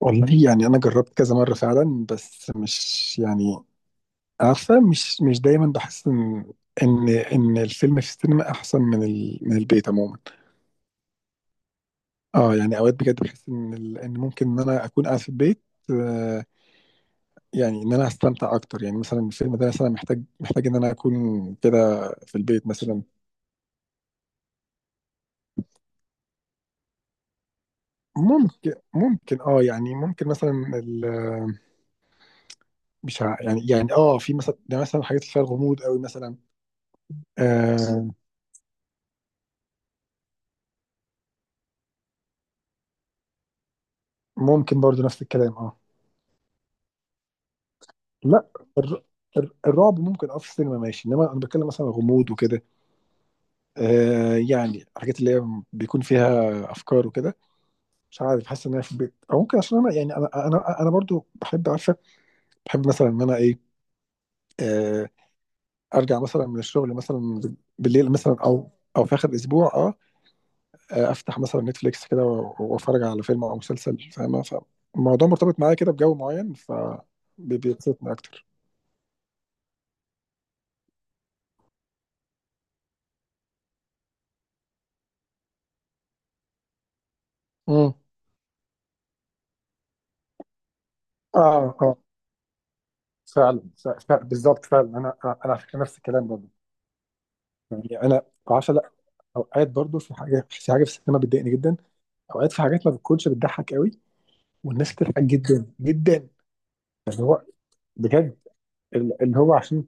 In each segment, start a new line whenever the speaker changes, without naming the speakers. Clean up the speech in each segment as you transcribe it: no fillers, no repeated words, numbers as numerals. والله يعني انا جربت كذا مره فعلا، بس مش يعني عارفه، مش دايما بحس ان الفيلم في السينما احسن من البيت عموما. اه يعني اوقات بجد بحس ان ممكن ان انا اكون قاعد في البيت. آه، يعني ان انا هستمتع اكتر، يعني مثلا الفيلم ده مثلا محتاج ان انا اكون كده في البيت مثلا. ممكن اه يعني ممكن مثلا مش ع- يعني في مثلا، ده مثلا حاجات اللي فيها الغموض قوي مثلا. آه، ممكن برضو نفس الكلام اه. لا، الر... الرعب ممكن اه، في السينما ماشي، انما انا بتكلم مثلا غموض وكده. آه، يعني حاجات اللي هي بيكون فيها افكار وكده. مش عارف، حاسس ان انا في البيت، او ممكن عشان انا، يعني انا برضو بحب، عارفه. بحب مثلا ان انا ايه، آه، ارجع مثلا من الشغل مثلا بالليل مثلا، او في اخر اسبوع اه. آه، افتح مثلا نتفليكس كده واتفرج على فيلم او مسلسل، فاهمه؟ فالموضوع مرتبط معايا كده بجو معين، ف بيبسطني اكتر. امم اه اه، فعلا بالظبط، فعلا انا على فكره نفس الكلام برضه. يعني انا بعشق، لا، اوقات برضه في حاجه، في السينما بتضايقني جدا. اوقات في حاجات ما بتكونش بتضحك قوي، والناس بتضحك جدا جدا، اللي هو بجد، اللي هو عشان.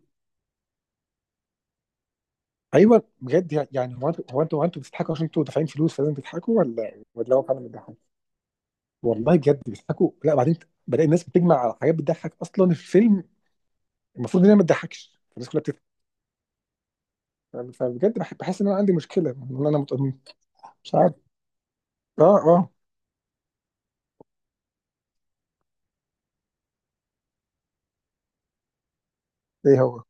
ايوه، بجد. يعني هو انتوا بتضحكوا عشان انتوا دافعين فلوس فلازم تضحكوا، ولا هو فعلا بيضحك؟ والله بجد بيضحكوا. لا، بعدين بلاقي الناس بتجمع على حاجات بتضحك، اصلا الفيلم المفروض ان هي ما تضحكش، الناس كلها بتضحك. فبجد بحس ان انا عندي مشكله، ان انا مش عارف. اه اه. ايه هو؟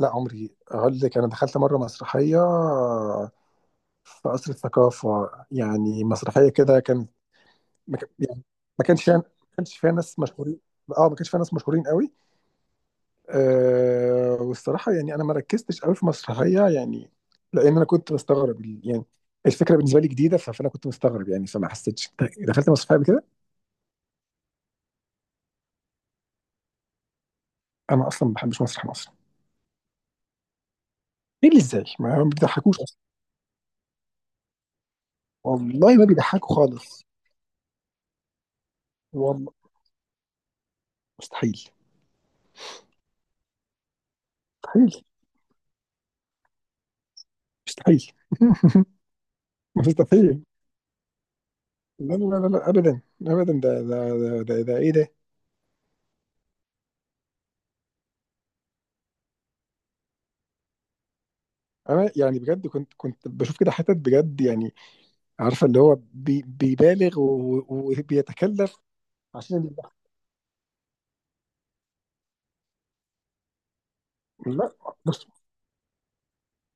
لا، عمري اقول لك، انا دخلت مره مسرحيه في قصر الثقافه، يعني مسرحيه كده كان، ما كان- يعني ما كانش فيها ناس مشهورين. اه، ما كانش فيها ناس مشهورين قوي. آه، والصراحه يعني انا ما ركزتش قوي في مسرحيه يعني، لان انا كنت مستغرب يعني، الفكره بالنسبه لي جديده، فانا كنت مستغرب يعني، فما حسيتش، دخلت مسرحيه قبل كده. انا اصلا ما بحبش مسرح مصر. ايه اللي ازاي؟ ما بيضحكوش اصلا. والله ما بيضحكوا خالص. والله مستحيل. مستحيل. مستحيل. مستحيل. لا لا لا لا، ابدا ابدا، ده ايه ده. انا يعني بجد كنت بشوف كده حتت، بجد يعني عارفه، اللي هو بيبالغ وبيتكلف، عشان اللي-. لا بص،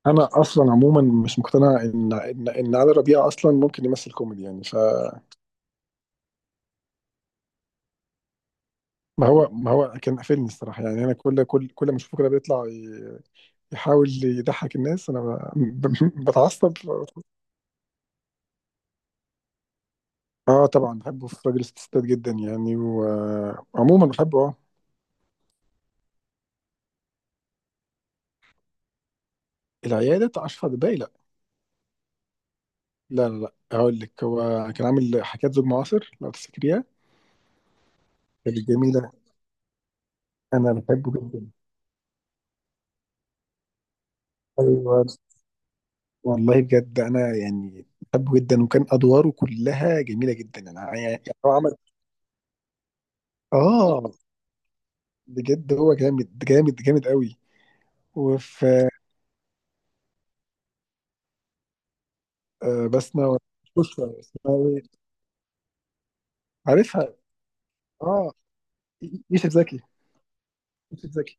انا اصلا عموما مش مقتنع ان علي ربيع اصلا ممكن يمثل كوميدي، يعني فما. هو، ما هو كان قافلني الصراحه يعني، انا كل ما اشوفه كده بيطلع يحاول يضحك الناس، انا بتعصب. اه طبعا، بحبه في راجل ستات جدا يعني، وعموما بحبه اه. العيادة بتاع أشرف عباي؟ لا. لا لا لا، هقول لك، هو كان عامل حكاية زوج معاصر، لو تفتكريها، كانت جميلة. أنا بحبه جدا. أيوة، والله بجد أنا يعني بحبه جدا، وكان أدواره كلها جميلة جدا، يعني هو عمل. آه، بجد هو جامد جامد جامد قوي. وفي، آه، بسمة. وشوشة اسمها إيه؟ عارفها. آه، يوسف زكي. يوسف زكي.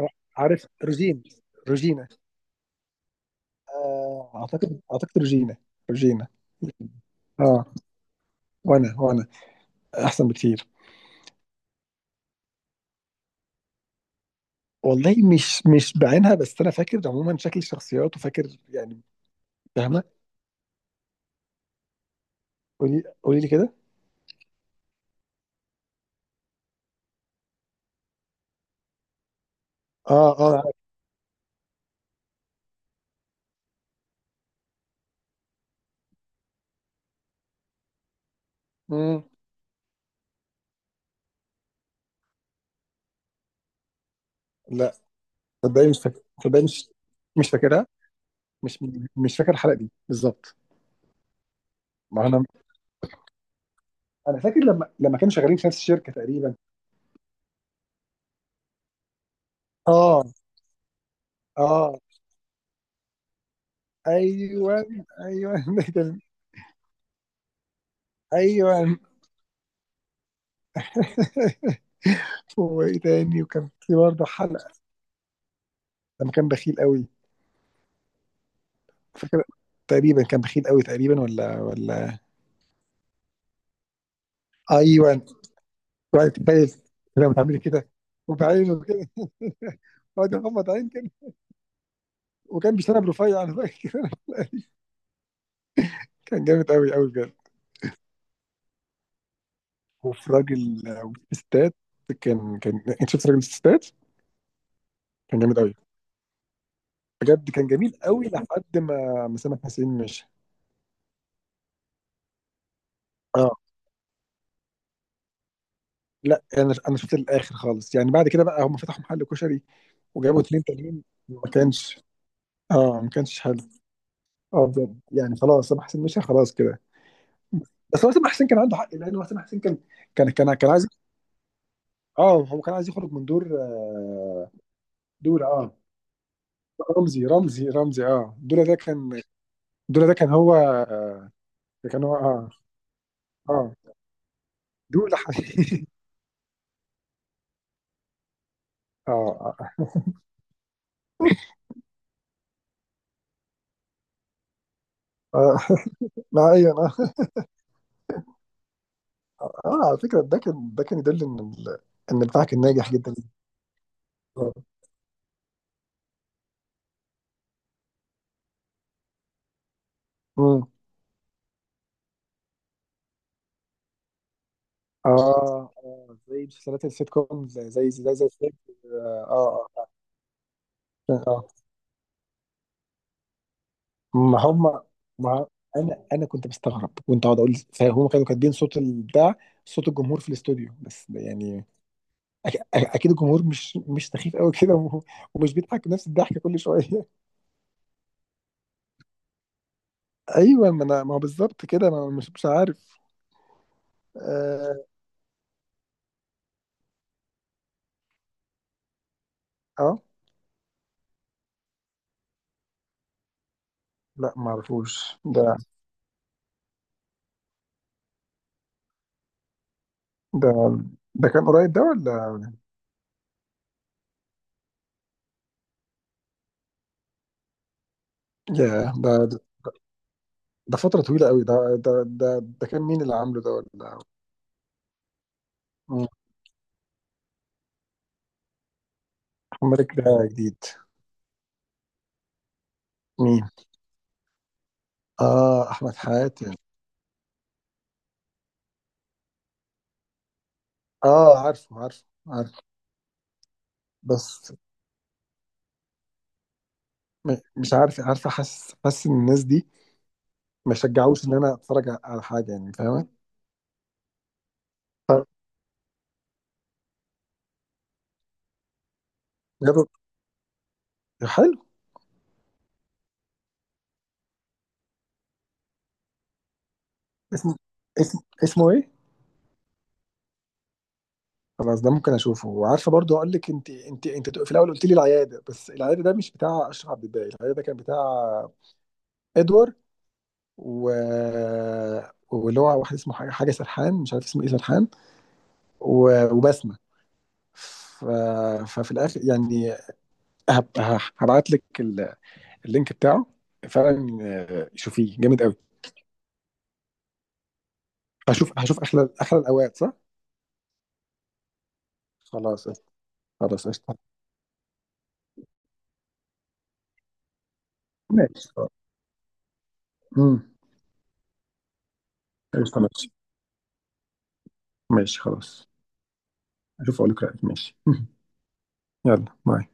ع- عارف؟ روجينا. آه، اعتقد روجينا. روجينا اه. وانا احسن بكتير. والله مش بعينها، بس انا فاكر عموما شكل الشخصيات، وفاكر يعني، فاهمه؟ قولي، قولي لي كده. اه اه، عارف. مم. لا، صدقني مش فاكر، صدقني مش فاكرها، مش مش فاكر الحلقه دي بالظبط. ما انا فاكر لما كانوا شغالين في نفس الشركه تقريبا. اه اه. ايوه ايوه. ده كان-. ايوه. وايه تاني؟ وكان في برضه حلقه لما كان بخيل قوي، فاكر؟ تقريبا كان بخيل قوي تقريبا، ولا؟ ايوه، وقعد تتخيل لما تعملي كده، وبعينه كده. وقعد يغمض عين كده، وكان بيشتغل برفيع، انا فاكر. كان جامد قوي قوي بجد. وفي راجل وستات، كان، انت شفت راجل الستات؟ كان جامد قوي. بجد كان جميل قوي لحد ما سامح حسين مشي. اه، لا، انا شفت الاخر خالص يعني، بعد كده بقى هم فتحوا محل كشري وجابوا اتنين تانيين، ما كانش اه ما كانش حلو. اه بجد يعني، خلاص سامح حسين مشى، خلاص كده. بس هو سامح حسين كان عنده حق، لان هو سامح حسين كان عايز. اه، هو كان عايز يخرج من دور، آه، دور اه رمزي. اه، دولا ده كان هو، اه اه، دولا حبيبي. اه اه، آه. لا ايوه انا. اه على فكره، ده كان يدل ان ان البتاع كان ناجح جدا. مم. اه اه، زي مسلسلات السيت كوم، زي فريندز. اه اه اه. آه. ما هم، ما انا، كنت بستغرب، كنت اقعد اقول، فهم كانوا كاتبين صوت البتاع، صوت الجمهور في الاستوديو بس يعني. اكيد الجمهور مش سخيف قوي كده، ومش بيضحك نفس الضحكه كل شويه. ايوه، ما انا، ما هو بالظبط كده، ما أنا مش عارف اه، آه. لا ما اعرفوش ده. ده ده كان قريب ده ولا؟ يا ده! ده فترة طويلة قوي، ده كان مين اللي عامله ده ولا؟ مم. الملك ده جديد. مين؟ اه، احمد حاتم. اه، عارفه عارفه عارفه. بس، مش عارف، عارفه، حاسس ان الناس دي ما شجعوش ان انا اتفرج على حاجة يعني، فاهمة؟ طب. جابوا-. حلو. اسم اسم اسمه ايه؟ خلاص، ده ممكن اشوفه، وعارفه برضو، اقول لك، انت في الاول قلت لي العياده، بس العياده ده مش بتاع اشرف عبد الباقي، العياده ده كان بتاع ادوار، و... واللي هو واحد اسمه حاجة سرحان، مش عارف اسمه ايه، سرحان، وبسمة. ف... ففي الاخر يعني، هبعت لك اللينك بتاعه فعلا. آه، شوفيه جامد قوي. هشوف احلى الاوقات، صح؟ خلاص قشطة. خلاص قشطة. ماشي خلاص. امم قشطة. ماشي ماشي خلاص. اشوف، اقول لك رأيك، ماشي. يلا باي.